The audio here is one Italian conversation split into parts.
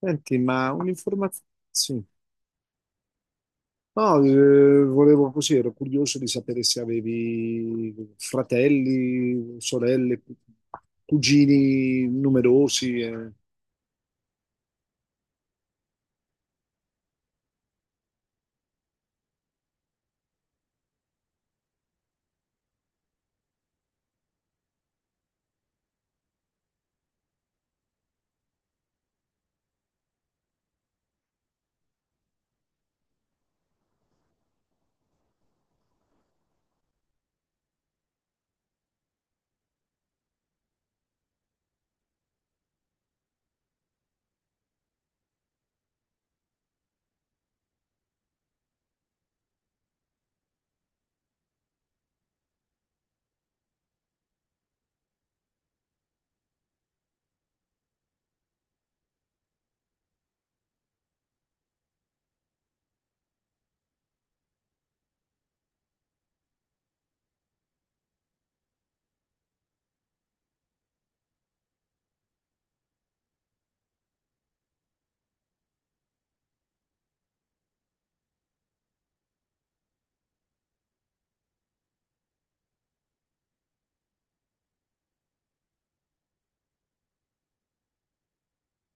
Senti, ma un'informazione... Sì. No, volevo così, ero curioso di sapere se avevi fratelli, sorelle, cugini numerosi.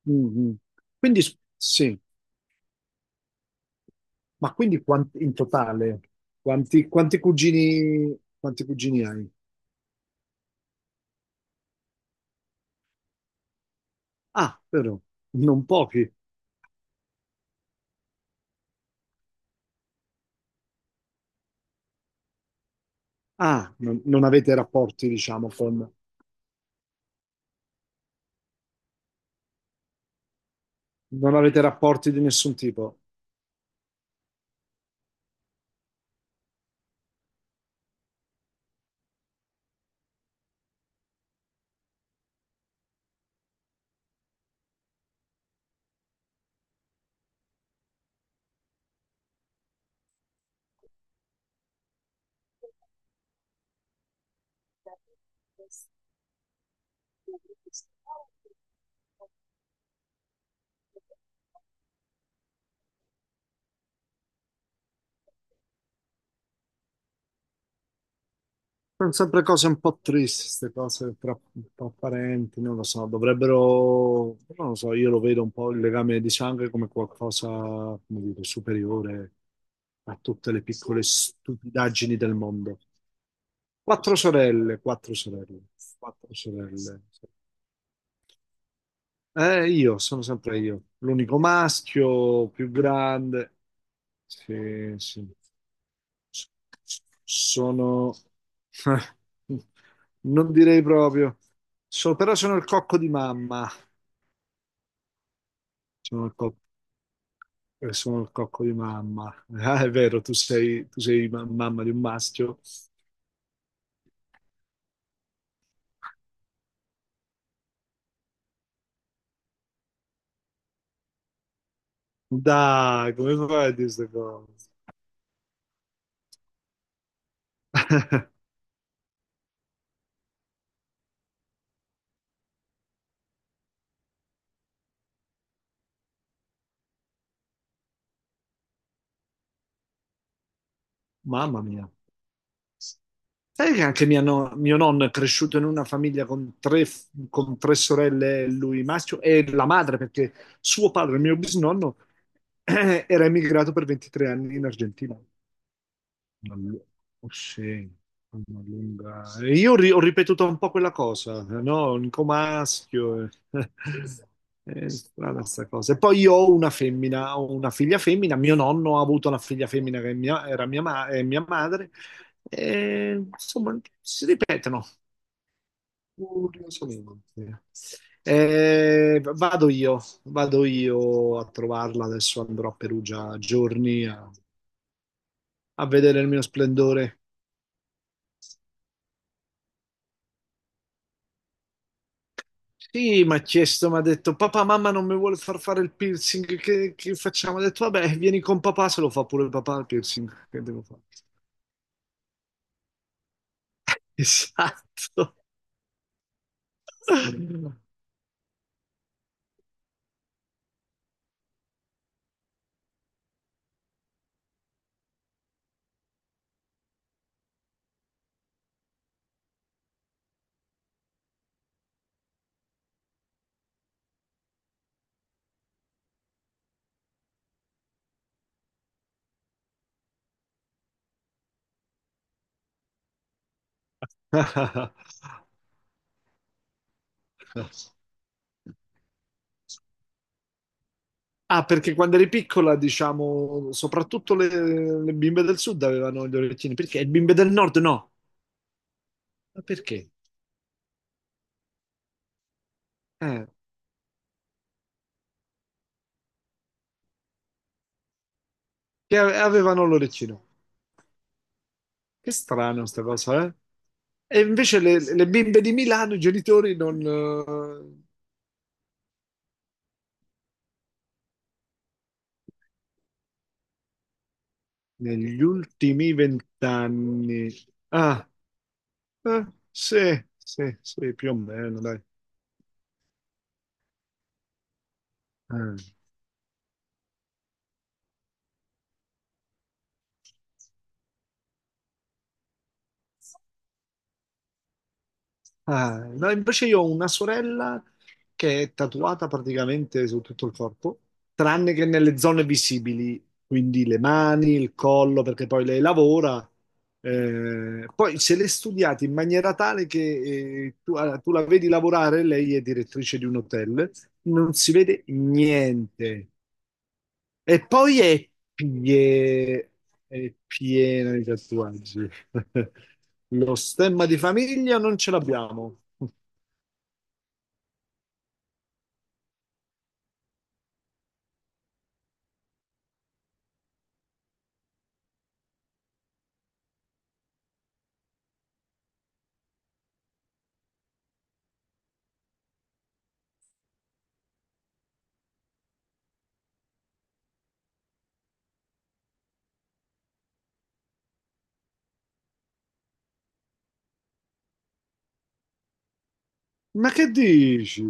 Mhm. Quindi, sì, ma quindi quanti, in totale, quanti cugini hai? Ah, però, non pochi. Ah, non avete rapporti, diciamo, con... Non avete rapporti di nessun tipo. Sono sempre cose un po' tristi, queste cose tra parenti, non lo so, dovrebbero, non lo so, io lo vedo un po' il legame di sangue come qualcosa, come dire, superiore a tutte le piccole stupidaggini del mondo. Quattro sorelle, quattro sorelle, quattro sorelle. Sì. Sono sempre io, l'unico maschio, più grande. Sì, sì. S- Sono... Non direi proprio. Però sono il cocco di mamma. Sono il, co- sono il cocco di mamma. Ah, è vero, tu sei mamma di un maschio. Dai, come fai a dire queste cose? Mamma mia. Sai che anche mia no- mio nonno è cresciuto in una famiglia con con tre sorelle, lui maschio, e la madre, perché suo padre, mio bisnonno, era emigrato per 23 anni in Argentina. Una lu- oh, sì, una lunga... E io ho ripetuto un po' quella cosa, no? Un comaschio. Eh. È strana sta cosa. E poi io ho una femmina, ho una figlia femmina. Mio nonno ha avuto una figlia femmina che è era mia, è mia madre. E, insomma, si ripetono. Curiosamente. Eh, vado io, vado io a trovarla. Adesso andrò a Perugia a giorni a vedere il mio splendore. Sì, mi ha detto, papà, mamma non mi vuole far fare il piercing, che facciamo? Ho detto, vabbè, vieni con papà, se lo fa pure papà il piercing, che devo fare? Esatto. Ah, perché quando eri piccola, diciamo, soprattutto le bimbe del sud avevano gli orecchini, perché le bimbe del nord no? Ma perché? Eh, che avevano l'orecchino. Che strano sta cosa, eh? E invece le bimbe di Milano, i genitori non, negli ultimi vent'anni. Ah, eh, sì, sì, più o meno, dai. Eh. Ah, no, invece io ho una sorella che è tatuata praticamente su tutto il corpo, tranne che nelle zone visibili, quindi le mani, il collo, perché poi lei lavora. Poi se l'è studiata in maniera tale che tu la vedi lavorare, lei è direttrice di un hotel, non si vede niente. E pie- è piena di tatuaggi. Lo stemma di famiglia non ce l'abbiamo. Ma che dici?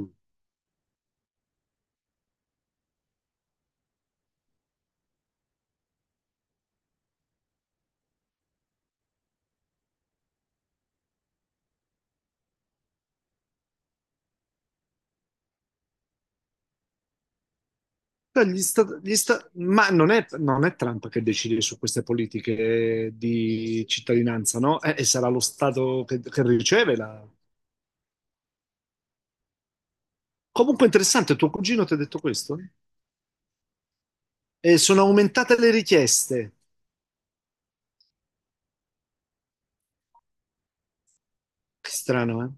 Cioè, ma non è, non è Trump che decide su queste politiche di cittadinanza, no? E sarà lo Stato che riceve la... Comunque interessante, tuo cugino ti ha detto questo? E sono aumentate le richieste. Che strano, eh?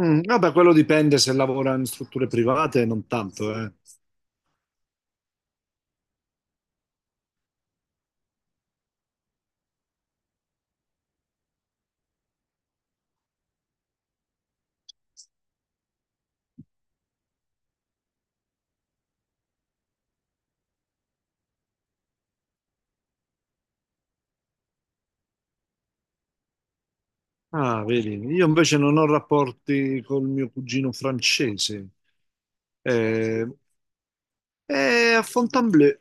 Mm, vabbè, quello dipende se lavora in strutture private, non tanto, eh. Ah, vedi, io invece non ho rapporti col mio cugino francese. Eh, è a Fontainebleau,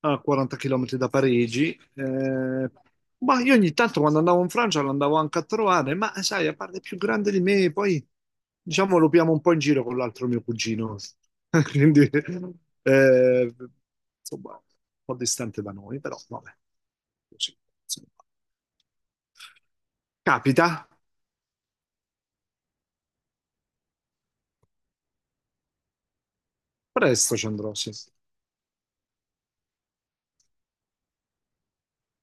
a 40 km da Parigi. Ma io ogni tanto quando andavo in Francia l'andavo anche a trovare, ma sai, a parte è più grande di me, poi diciamo lo piamo un po' in giro con l'altro mio cugino. Quindi, eh, insomma, un po' distante da noi, però vabbè. Così, insomma. Capita, presto ci andrò, sì.